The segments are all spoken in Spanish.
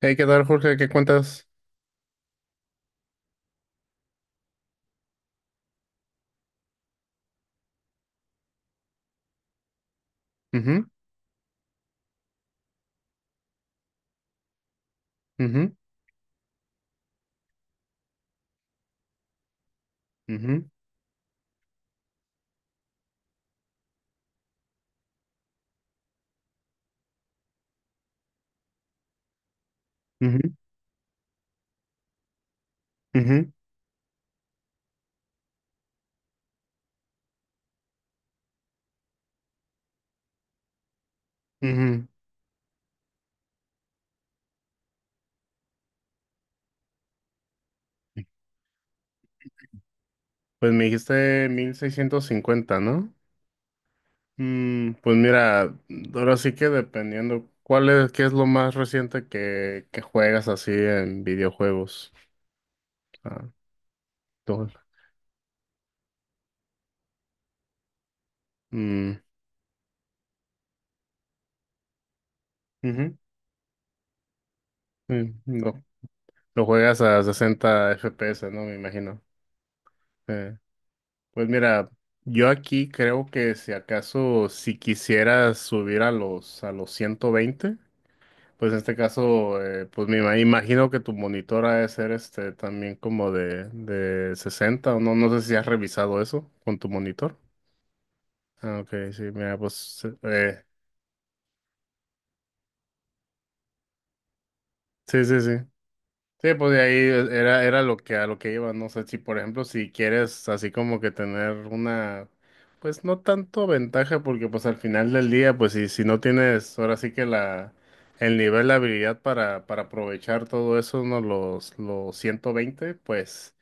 Hey, ¿qué tal, Jorge? ¿Qué cuentas? Ujú, ujú, ujú, ujú, ujú, ujú. Pues me dijiste 1650, ¿no? Pues mira, ahora sí que dependiendo, ¿cuál es, qué es lo más reciente que juegas así en videojuegos? Ah, tú- mm, ujú, mm, lo, lo juegas a 60 FPS, ¿no? Me imagino. Eh, pues mira, yo aquí creo que si acaso si quisieras subir a los ciento veinte. Pues en este caso, pues imagino que tu monitor ha de ser este también como de 60, o no, no sé si has revisado eso con tu monitor. Ah, ok, sí, mira, sí, sí, sí. Sí, pues de ahí era lo que a lo que iba, no sé si por ejemplo si quieres así como que tener una, pues no tanto ventaja, porque pues al final del día pues si no tienes ahora sí que la, el nivel de habilidad para aprovechar todo eso, ¿no? Los 120, pues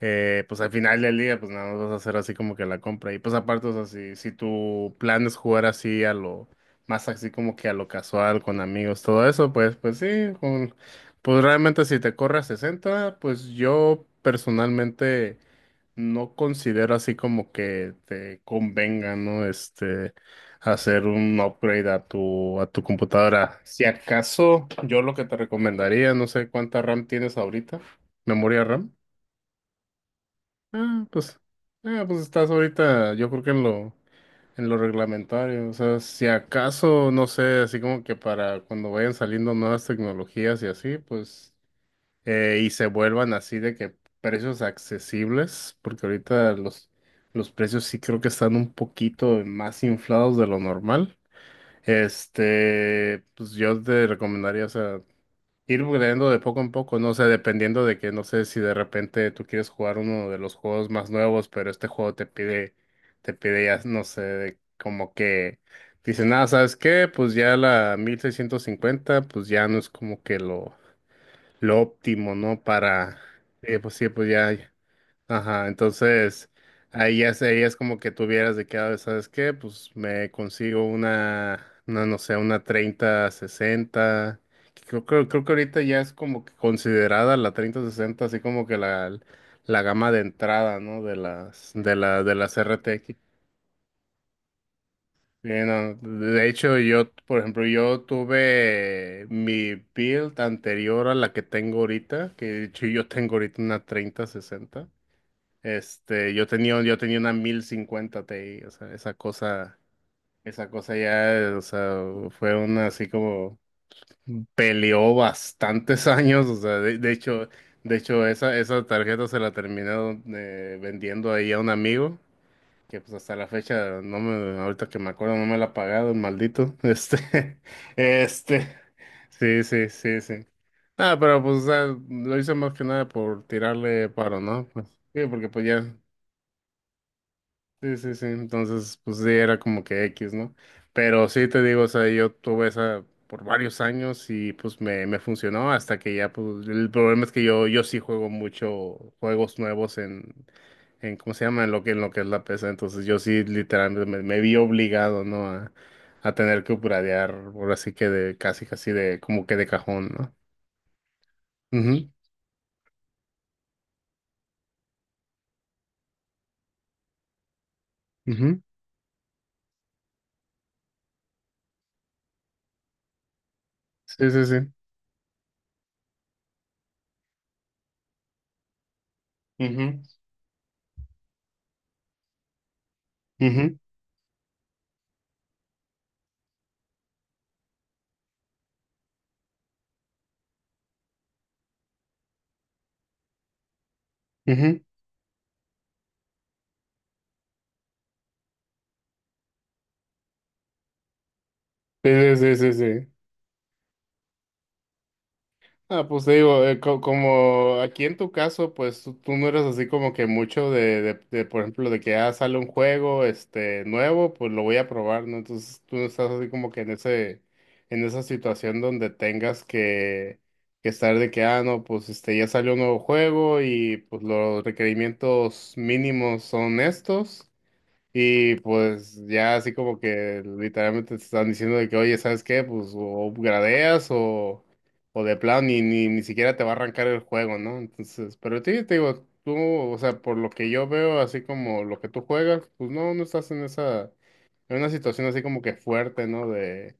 pues al final del día, pues nada más vas a hacer así como que la compra. Y pues aparte, o sea, si tu plan es jugar así a lo, más así como que a lo casual, con amigos, todo eso, pues, pues sí, pues realmente si te corre a 60, pues yo personalmente no considero así como que te convenga, ¿no? Hacer un upgrade a a tu computadora. Si acaso, yo lo que te recomendaría, no sé cuánta RAM tienes ahorita, memoria RAM. Ah, pues, pues estás ahorita, yo creo que en lo reglamentario, o sea, si acaso, no sé, así como que para cuando vayan saliendo nuevas tecnologías y así, pues, y se vuelvan así de que precios accesibles, porque ahorita los precios sí creo que están un poquito más inflados de lo normal. Pues yo te recomendaría, o sea, ir upgradeando de poco en poco, no sé, dependiendo de que, no sé si de repente tú quieres jugar uno de los juegos más nuevos, pero este juego te pide ya, no sé, como que dice nada, ¿sabes qué? Pues ya la 1650 pues ya no es como que lo óptimo, ¿no? Para, pues sí, pues ya. Ajá, entonces ahí ya es, ahí es como que tuvieras de cada vez, ¿sabes qué? Pues me consigo una, no sé, una 30 sesenta, que creo que ahorita ya es como que considerada la 30 60 así como que la gama de entrada, ¿no? De las RTX. Bien, no, de hecho, yo, por ejemplo, yo tuve mi build anterior a la que tengo ahorita, que de hecho yo tengo ahorita una 30 sesenta. Yo tenía una 1050 Ti, o sea, esa cosa ya, o sea, fue una así como peleó bastantes años, o sea, de hecho, esa tarjeta se la terminé vendiendo ahí a un amigo, que pues hasta la fecha, no me, ahorita que me acuerdo, no me la ha pagado, el maldito, este, sí, sí, sí, sí. Ah, pero pues o sea, lo hice más que nada por tirarle paro, ¿no? Pues, sí, porque pues ya. Sí, sí, sí. Entonces, pues sí, era como que X, ¿no? Pero sí te digo, o sea, yo tuve esa por varios años y pues me funcionó hasta que ya, pues, el problema es que yo sí juego mucho juegos nuevos en, ¿cómo se llama? En lo que es la PC. Entonces yo sí literalmente me vi obligado, ¿no? A tener que upgradear, ahora sí que de casi, casi de, como que de cajón, ¿no? Ujú, ujú. Sí, sí, sí. Ujú, ujú, ujú. Sí, sí, sí, sí, sí. Ah, pues te digo, como aquí en tu caso, pues tú no eres así como que mucho de, por ejemplo, de que ah sale un juego este nuevo, pues lo voy a probar, ¿no? Entonces tú no estás así como que en ese, en esa situación donde tengas que estar de que, ah, no, pues este ya salió un nuevo juego y pues los requerimientos mínimos son estos. Y pues ya así como que literalmente te están diciendo de que, oye, ¿sabes qué? Pues o gradeas o de plano ni siquiera te va a arrancar el juego, ¿no? Entonces, pero sí, te digo, tú, o sea, por lo que yo veo, así como lo que tú juegas, pues no, no estás en esa, en una situación así como que fuerte, ¿no?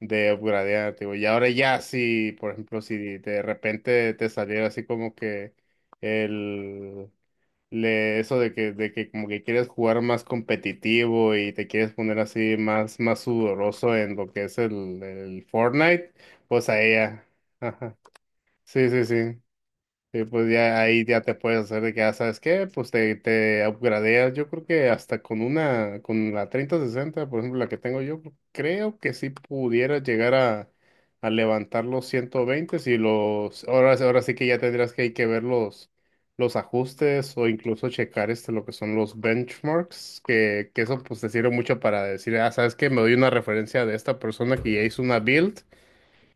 De upgradear, te digo, y ahora ya sí, por ejemplo, si de repente te saliera así como que el le, eso de que como que quieres jugar más competitivo y te quieres poner así más, más sudoroso en lo que es el Fortnite, pues a ella. Ajá. Sí, sí, sí. Sí, pues ya ahí ya te puedes hacer de que, ah, ¿sabes qué? Pues te upgradeas. Yo creo que hasta con una, con la 3060, por ejemplo, la que tengo yo, creo que sí pudiera llegar a levantar los 120 si los, ahora, ahora sí que ya tendrás que, hay que ver los ajustes o incluso checar lo que son los benchmarks, que eso pues te sirve mucho para decir, ah, ¿sabes qué? Me doy una referencia de esta persona que ya hizo una build.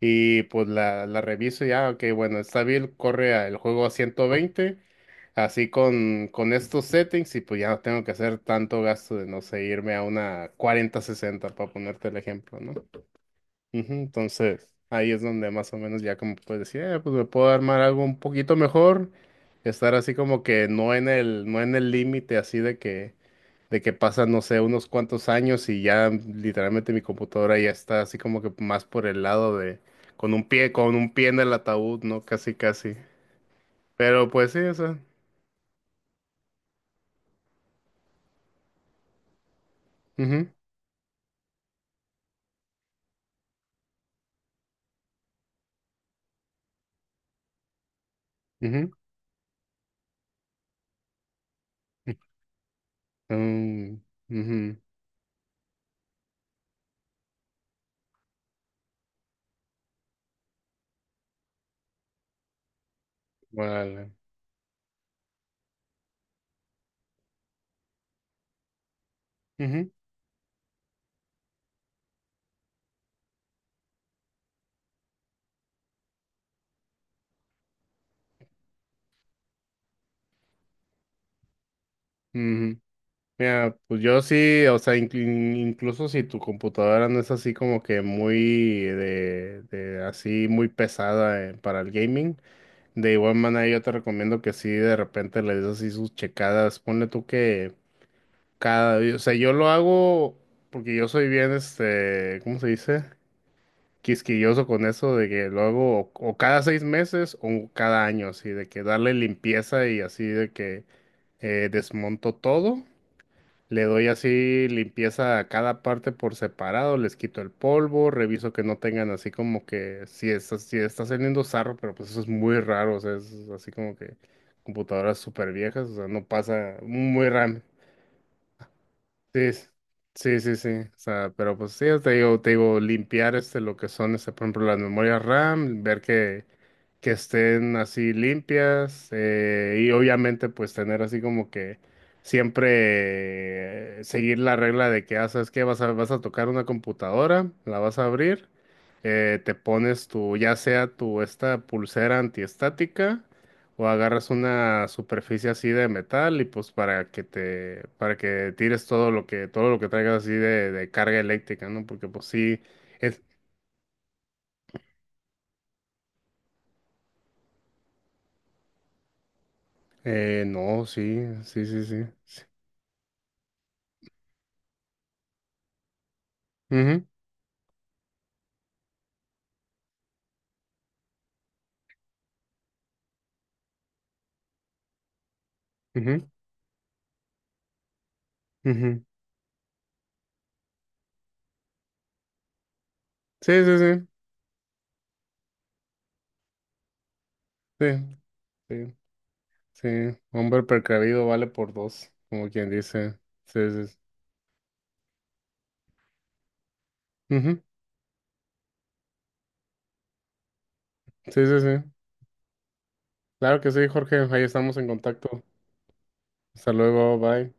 Y pues la reviso y ya, ok, bueno, está bien, corre el juego a 120 así con estos settings y pues ya no tengo que hacer tanto gasto de, no sé, irme a una cuarenta sesenta para ponerte el ejemplo, ¿no? Ujú, entonces, ahí es donde más o menos ya como puedes decir, Pues me puedo armar algo un poquito mejor, estar así como que no en el, no en el límite así de que pasan, no sé, unos cuantos años y ya literalmente mi computadora ya está así como que más por el lado de, con un pie en el ataúd, ¿no? Casi, casi. Pero pues sí, eso. Mhm. Mhm. Mm, ujú, vale. Ujú, ujú. Mira, pues yo sí, o sea, incluso si tu computadora no es así como que muy de así muy pesada para el gaming, de igual manera, yo te recomiendo que si de repente le des así sus checadas. Ponle tú que cada, o sea, yo lo hago porque yo soy bien, ¿cómo se dice? Quisquilloso con eso de que lo hago o cada seis meses o cada año, así de que darle limpieza y así de que desmonto todo, le doy así limpieza a cada parte por separado, les quito el polvo, reviso que no tengan así como que si está, si está saliendo sarro, pero pues eso es muy raro, o sea, es así como que computadoras súper viejas, o sea, no pasa muy raro. Sí, sí, sí, sí. Sí. O sea, pero pues sí, te digo, limpiar lo que son, por ejemplo, las memorias RAM, ver que estén así limpias, y obviamente, pues tener así como que siempre seguir la regla de que ah, sabes que vas vas a tocar una computadora, la vas a abrir, te pones tu, ya sea tu esta pulsera antiestática. O agarras una superficie así de metal y pues para que para que tires todo lo que traigas así de carga eléctrica, ¿no? Porque pues sí, es, no, sí, sí, sí, sí. Ujú, ujú, ujú. Sí, sí, sí, sí, sí, sí. Hombre precavido vale por dos, como quien dice. Sí, sí, sí. Ujú. Sí, sí, sí. Claro que sí, Jorge. Ahí estamos en contacto. Hasta luego, bye.